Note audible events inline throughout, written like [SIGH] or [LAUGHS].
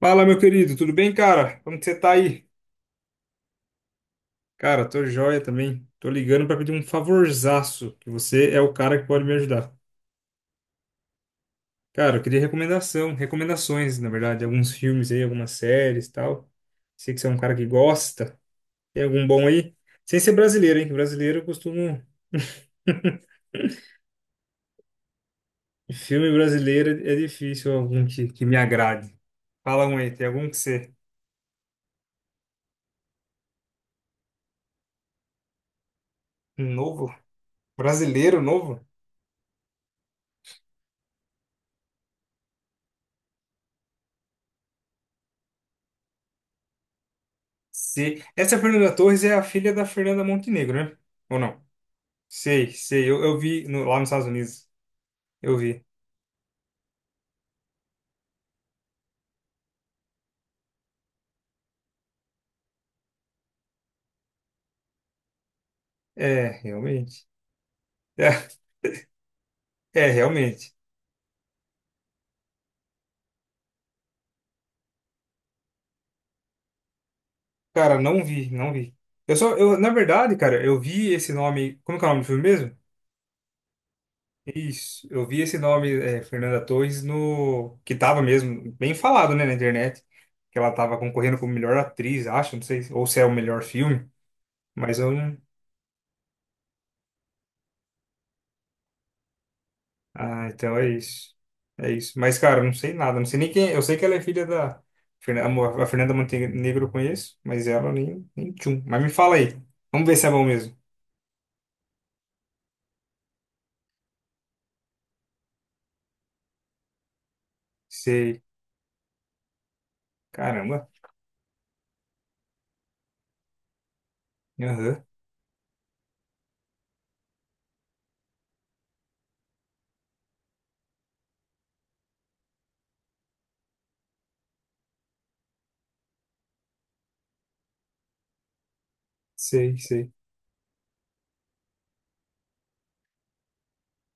Fala, meu querido, tudo bem, cara? Como que você tá aí? Cara, tô joia também. Tô ligando pra pedir um favorzaço, que você é o cara que pode me ajudar. Cara, eu queria recomendação, recomendações, na verdade, alguns filmes aí, algumas séries e tal. Sei que você é um cara que gosta. Tem algum bom aí? Sem ser brasileiro, hein? Que brasileiro eu costumo. [LAUGHS] Filme brasileiro é difícil algum que me agrade. Fala um aí, tem algum que você. Um novo? Brasileiro novo? Sei. Essa Fernanda Torres é a filha da Fernanda Montenegro, né? Ou não? Sei, sei. Eu vi lá nos Estados Unidos. Eu vi. É, realmente. [LAUGHS] É, é, realmente. Cara, não vi, não vi. Eu só, eu, na verdade, cara, eu vi esse nome. Como que é o nome do filme mesmo? Isso. Eu vi esse nome, é, Fernanda Torres, no. Que tava mesmo bem falado, né, na internet. Que ela tava concorrendo como melhor atriz, acho, não sei. Ou se é o melhor filme. Mas eu não. Ah, então é isso. É isso. Mas, cara, eu não sei nada. Não sei nem quem. Eu sei que ela é filha da. A Fernanda Montenegro eu conheço, mas ela nem tchum. Mas me fala aí. Vamos ver se é bom mesmo. Sei. Caramba. Aham. Sei, sei.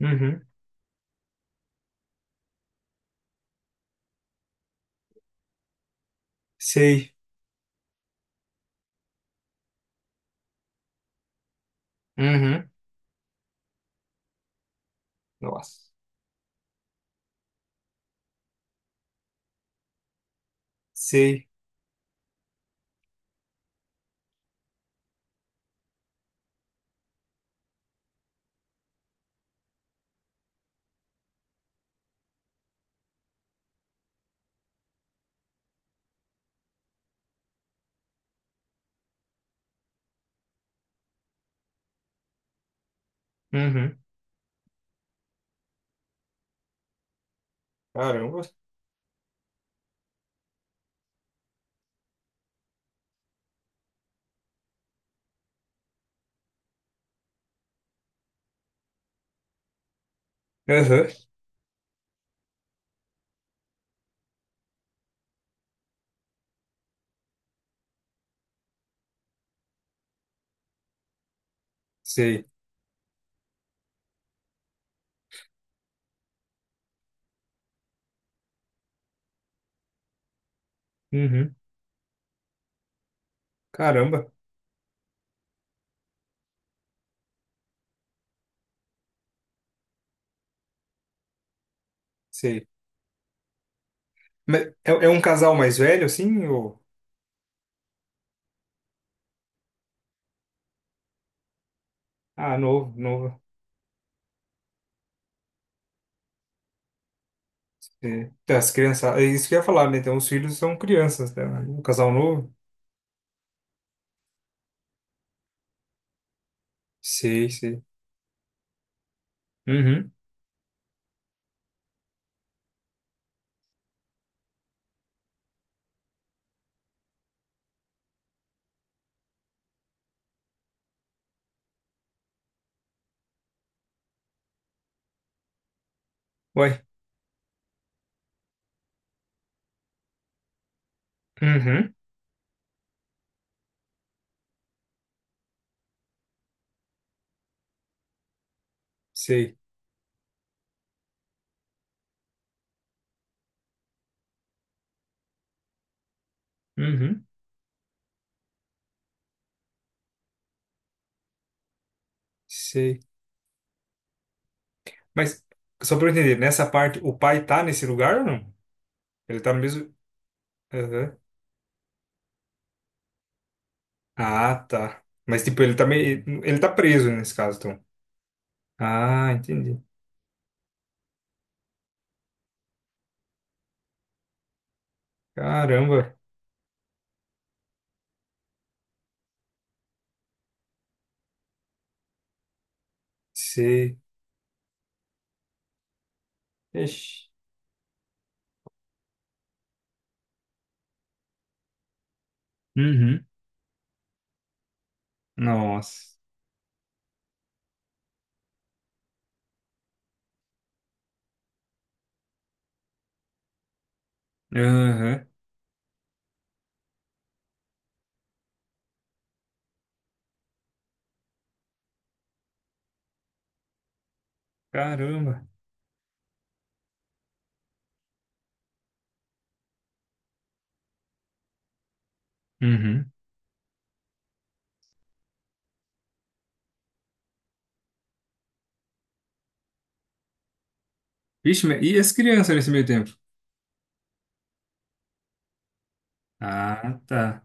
Uhum. Sei. Uhum. Nossa. Sei. Uhum. Caramba. Aham. Sei. Uhum. Caramba. Sei. Mas é, é um casal mais velho, assim? Ou... Ah, novo, novo. É, as crianças, é isso que eu ia falar, né? Então, os filhos são crianças, né? Um casal novo? Sei, sei. Uhum. Ué. Uhum. Sei. Uhum. Sei. Mas, só pra eu entender, nessa parte, o pai tá nesse lugar ou não? Ele tá no mesmo. Aham. Ah, tá. Mas, tipo, ele tá meio. Ele tá preso nesse caso, então. Ah, entendi. Caramba. Sei. Ixi. Uhum. Nossa. Aham. Caramba. Uhum. Vixe, mas e as crianças nesse meio tempo? Ah, tá.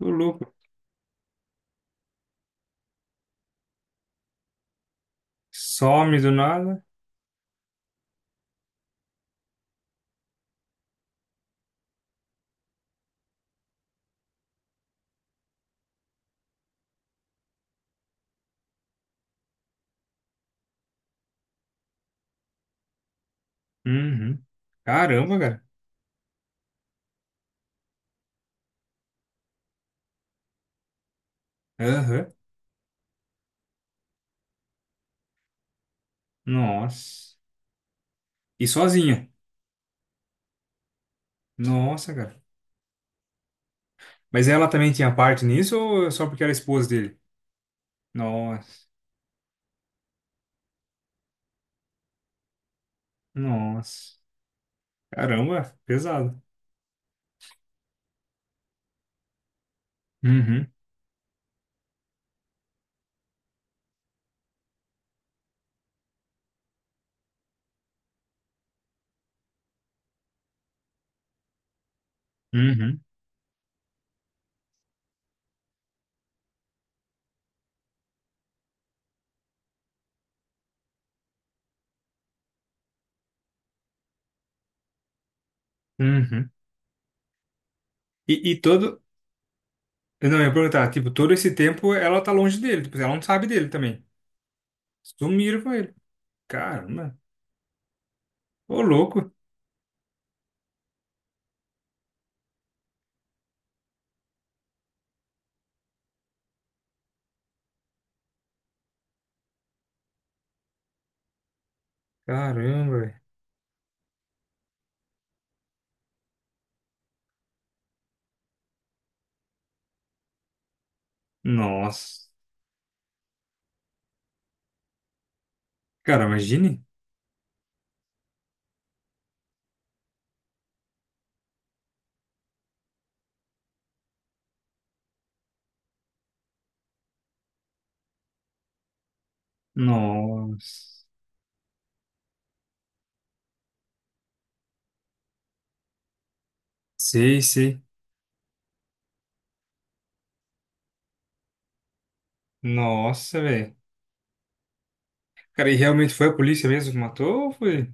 Ô, louco. Some do nada. Uhum. Caramba, cara. Aham. Nossa. E sozinha. Nossa, cara. Mas ela também tinha parte nisso ou só porque era esposa dele? Nossa. Nossa. Caramba, pesado. Uhum. Uhum. Uhum. E todo. Eu não, eu ia perguntar, tipo, todo esse tempo ela tá longe dele. Tipo, ela não sabe dele também. Sumiram com ele. Caramba. Ô, louco. Caramba, velho. Nossa. Cara, imagine. Nossa. Sei, sei. Nossa, velho. Cara, e realmente foi a polícia mesmo que matou ou foi?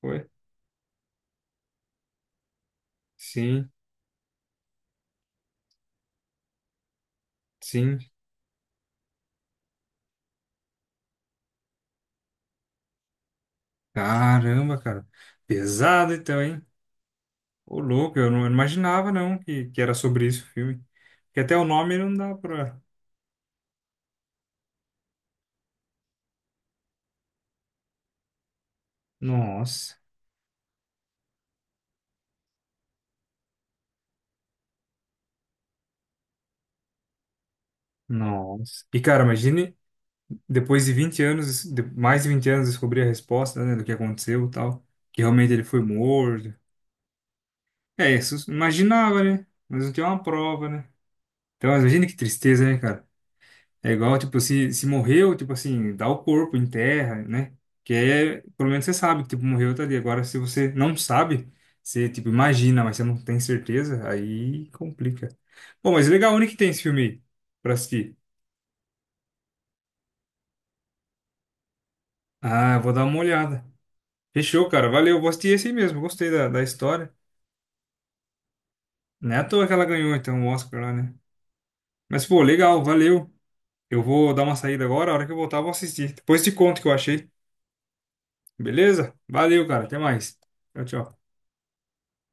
Foi. Sim, sim. Caramba, cara. Pesado então, hein? Ô, louco, eu não imaginava não que era sobre isso o filme. Porque até o nome não dá pra. Nossa, nossa. E, cara, imagine depois de 20 anos, mais de 20 anos, descobrir a resposta, né, do que aconteceu e tal. Que realmente ele foi morto. É isso, imaginava, né? Mas não tinha uma prova, né? Então, imagina que tristeza, né, cara? É igual, tipo, se morreu, tipo assim, dá o corpo, enterra, né? Que é, pelo menos você sabe que, tipo, morreu, tá ali. Agora, se você não sabe, você, tipo, imagina, mas você não tem certeza, aí complica. Bom, mas legal, onde que tem esse filme aí pra assistir? Ah, eu vou dar uma olhada. Fechou, cara, valeu, vou assistir esse aí mesmo, gostei da história. Não é à toa que ela ganhou, então, o Oscar lá, né? Mas, pô, legal, valeu. Eu vou dar uma saída agora, a hora que eu voltar, eu vou assistir. Depois te conto o que eu achei. Beleza? Valeu, cara. Até mais. Tchau, tchau.